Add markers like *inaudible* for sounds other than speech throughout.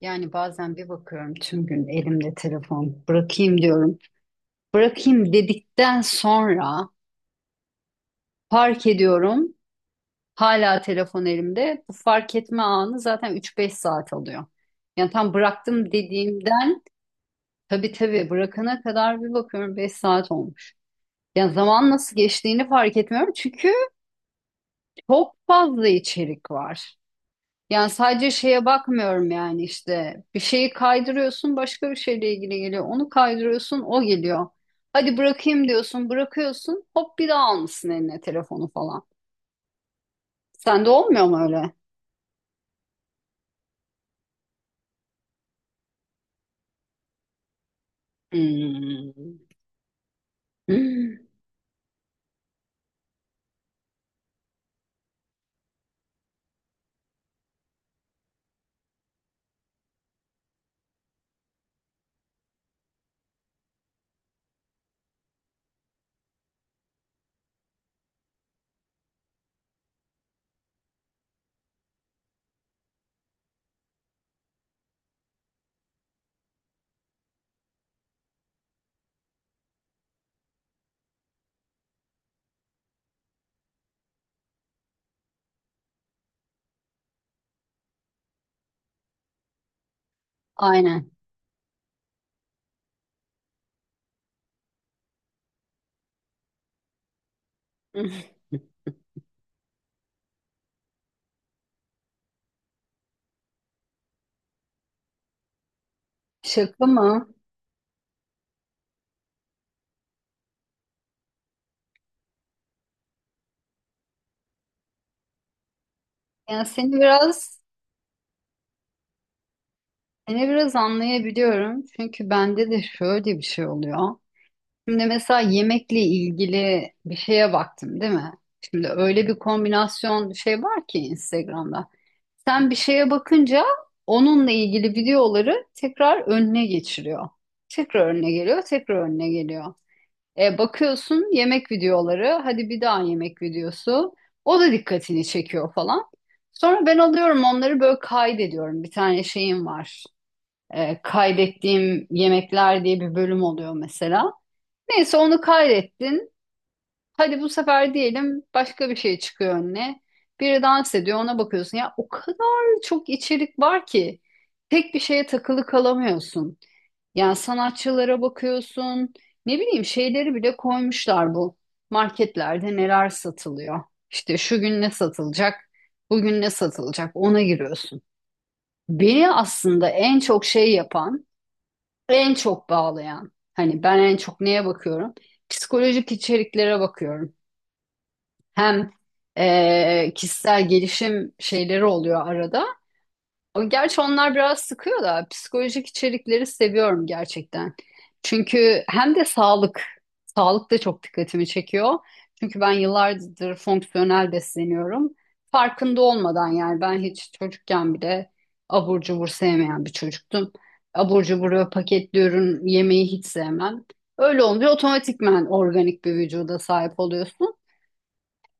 Yani bazen bir bakıyorum tüm gün elimde telefon bırakayım diyorum. Bırakayım dedikten sonra fark ediyorum hala telefon elimde. Bu fark etme anı zaten 3-5 saat alıyor. Yani tam bıraktım dediğimden tabii tabii bırakana kadar bir bakıyorum 5 saat olmuş. Yani zaman nasıl geçtiğini fark etmiyorum çünkü çok fazla içerik var. Yani sadece şeye bakmıyorum yani işte bir şeyi kaydırıyorsun başka bir şeyle ilgili geliyor. Onu kaydırıyorsun o geliyor. Hadi bırakayım diyorsun bırakıyorsun hop bir daha almışsın eline telefonu falan. Sende olmuyor mu öyle? Hmm. Hmm. Aynen. *laughs* Şaka mı? Yani seni biraz seni biraz anlayabiliyorum. Çünkü bende de şöyle bir şey oluyor. Şimdi mesela yemekle ilgili bir şeye baktım, değil mi? Şimdi öyle bir kombinasyon şey var ki Instagram'da. Sen bir şeye bakınca onunla ilgili videoları tekrar önüne geçiriyor. Tekrar önüne geliyor, tekrar önüne geliyor. Bakıyorsun yemek videoları, hadi bir daha yemek videosu. O da dikkatini çekiyor falan. Sonra ben alıyorum onları böyle kaydediyorum. Bir tane şeyim var. Kaydettiğim yemekler diye bir bölüm oluyor mesela. Neyse onu kaydettin. Hadi bu sefer diyelim başka bir şey çıkıyor önüne. Biri dans ediyor ona bakıyorsun. Ya o kadar çok içerik var ki tek bir şeye takılı kalamıyorsun. Yani sanatçılara bakıyorsun. Ne bileyim şeyleri bile koymuşlar bu. Marketlerde neler satılıyor. İşte şu gün ne satılacak, bugün ne satılacak ona giriyorsun. Beni aslında en çok şey yapan en çok bağlayan hani ben en çok neye bakıyorum? Psikolojik içeriklere bakıyorum. Hem kişisel gelişim şeyleri oluyor arada. Gerçi onlar biraz sıkıyor da psikolojik içerikleri seviyorum gerçekten. Çünkü hem de sağlık da çok dikkatimi çekiyor. Çünkü ben yıllardır fonksiyonel besleniyorum. Farkında olmadan yani ben hiç çocukken bile abur cubur sevmeyen bir çocuktum. Abur cubur ve paketli ürün yemeyi hiç sevmem. Öyle olunca otomatikman organik bir vücuda sahip oluyorsun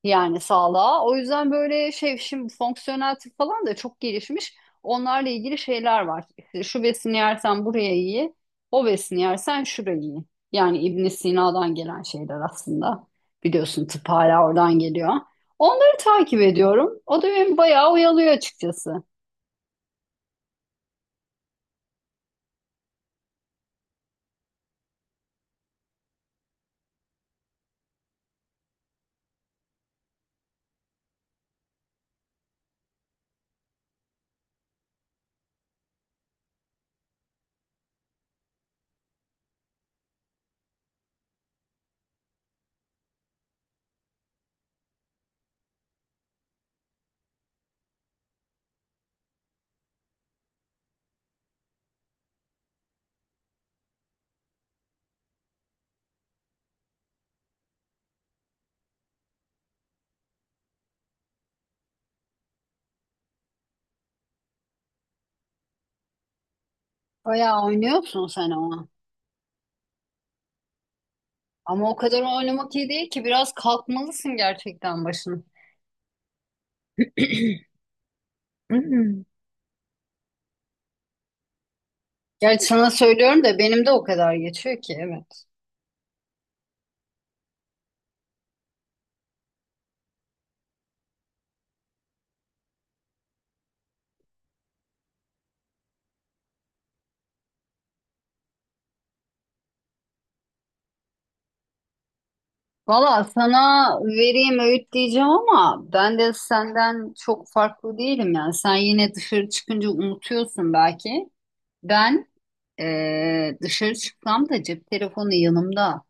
yani sağlığa. O yüzden böyle şey şimdi fonksiyonel tıp falan da çok gelişmiş. Onlarla ilgili şeyler var. İşte şu besini yersen buraya iyi, o besini yersen şuraya iyi. Yani İbn Sina'dan gelen şeyler aslında. Biliyorsun tıp hala oradan geliyor. Onları takip ediyorum. O da beni bayağı oyalıyor açıkçası. Bayağı oynuyorsun sen ama. Ama o kadar oynamak iyi değil ki biraz kalkmalısın gerçekten başına. *clears throat* Gerçi sana söylüyorum da benim de o kadar geçiyor ki evet. Valla sana vereyim öğüt diyeceğim ama ben de senden çok farklı değilim yani. Sen yine dışarı çıkınca unutuyorsun belki. Ben dışarı çıktığımda cep telefonu yanımda.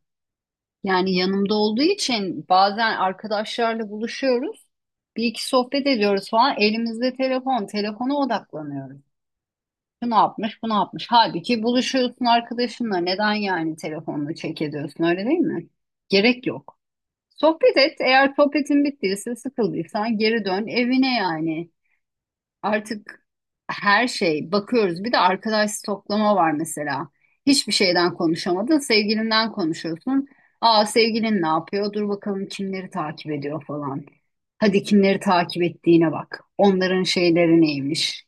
Yani yanımda olduğu için bazen arkadaşlarla buluşuyoruz. Bir iki sohbet ediyoruz falan. Elimizde telefon, telefona odaklanıyoruz. Şu ne yapmış, bu ne yapmış. Halbuki buluşuyorsun arkadaşınla. Neden yani telefonla çek ediyorsun öyle değil mi? Gerek yok. Sohbet et. Eğer sohbetin bittiyse, sıkıldıysan geri dön evine yani. Artık her şey bakıyoruz. Bir de arkadaş stoklama var mesela. Hiçbir şeyden konuşamadın, sevgilinden konuşuyorsun. Aa sevgilin ne yapıyor? Dur bakalım kimleri takip ediyor falan. Hadi kimleri takip ettiğine bak. Onların şeyleri neymiş?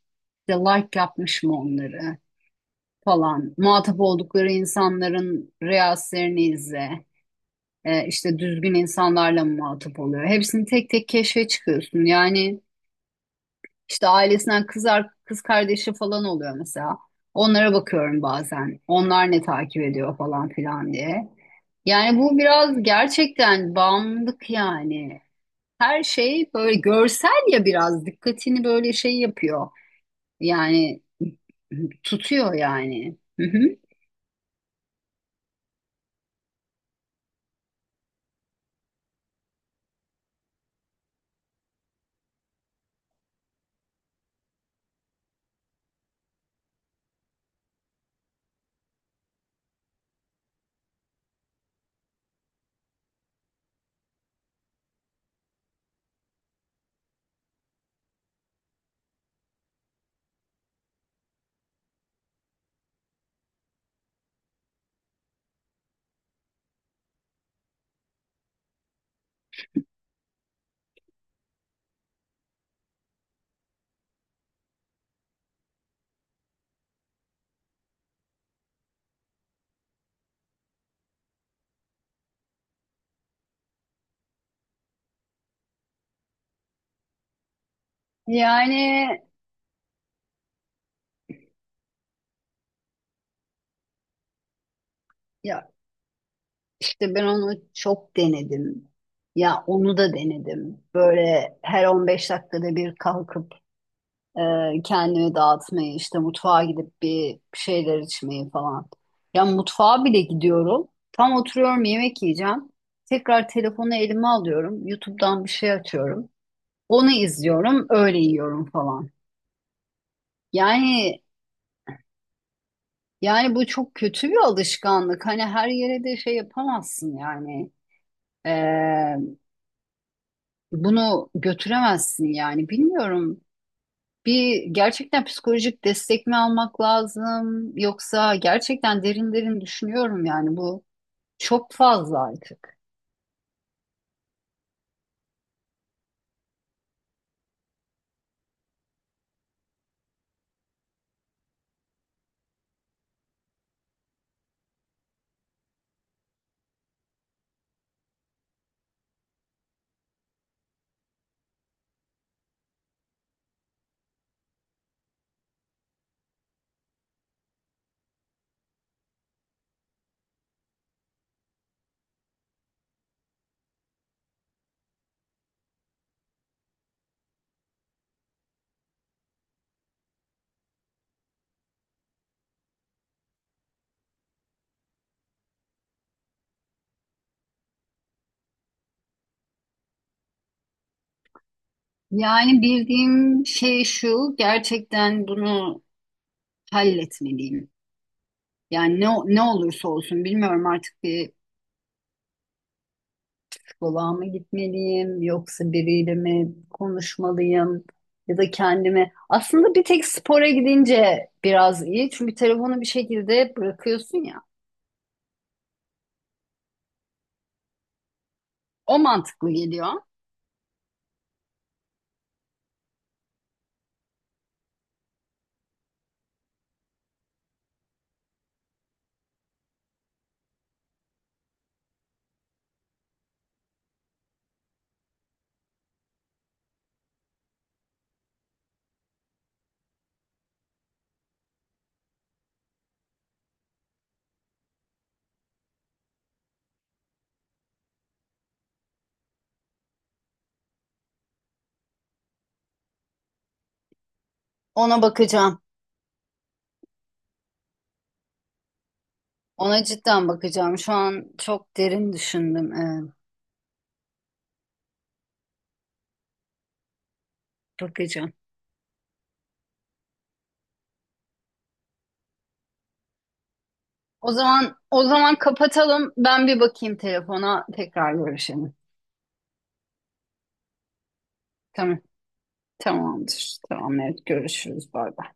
İşte like yapmış mı onları falan. Muhatap oldukları insanların reelslerini izle işte düzgün insanlarla mı muhatap oluyor? Hepsini tek tek keşfe çıkıyorsun. Yani işte ailesinden kız, kız kardeşi falan oluyor mesela. Onlara bakıyorum bazen. Onlar ne takip ediyor falan filan diye. Yani bu biraz gerçekten bağımlılık yani. Her şey böyle görsel ya biraz dikkatini böyle şey yapıyor. Yani tutuyor yani. Hı hı. Yani ya İşte ben onu çok denedim. Ya onu da denedim. Böyle her 15 dakikada bir kalkıp e, kendimi dağıtmayı, işte mutfağa gidip bir şeyler içmeyi falan. Ya mutfağa bile gidiyorum. Tam oturuyorum yemek yiyeceğim. Tekrar telefonu elime alıyorum. YouTube'dan bir şey açıyorum. Onu izliyorum, öyle yiyorum falan. Yani yani bu çok kötü bir alışkanlık. Hani her yere de şey yapamazsın yani. E, Bunu götüremezsin yani. Bilmiyorum. Bir gerçekten psikolojik destek mi almak lazım yoksa gerçekten derin derin düşünüyorum yani bu çok fazla artık. Yani bildiğim şey şu, gerçekten bunu halletmeliyim. Yani ne olursa olsun bilmiyorum artık bir psikoloğa mı gitmeliyim yoksa biriyle mi konuşmalıyım ya da kendime. Aslında bir tek spora gidince biraz iyi çünkü telefonu bir şekilde bırakıyorsun ya. O mantıklı geliyor. Ona bakacağım. Ona cidden bakacağım. Şu an çok derin düşündüm. Evet, bakacağım. O zaman kapatalım. Ben bir bakayım telefona. Tekrar görüşelim. Tamam. Tamamdır. Tamam evet görüşürüz. Bay bay.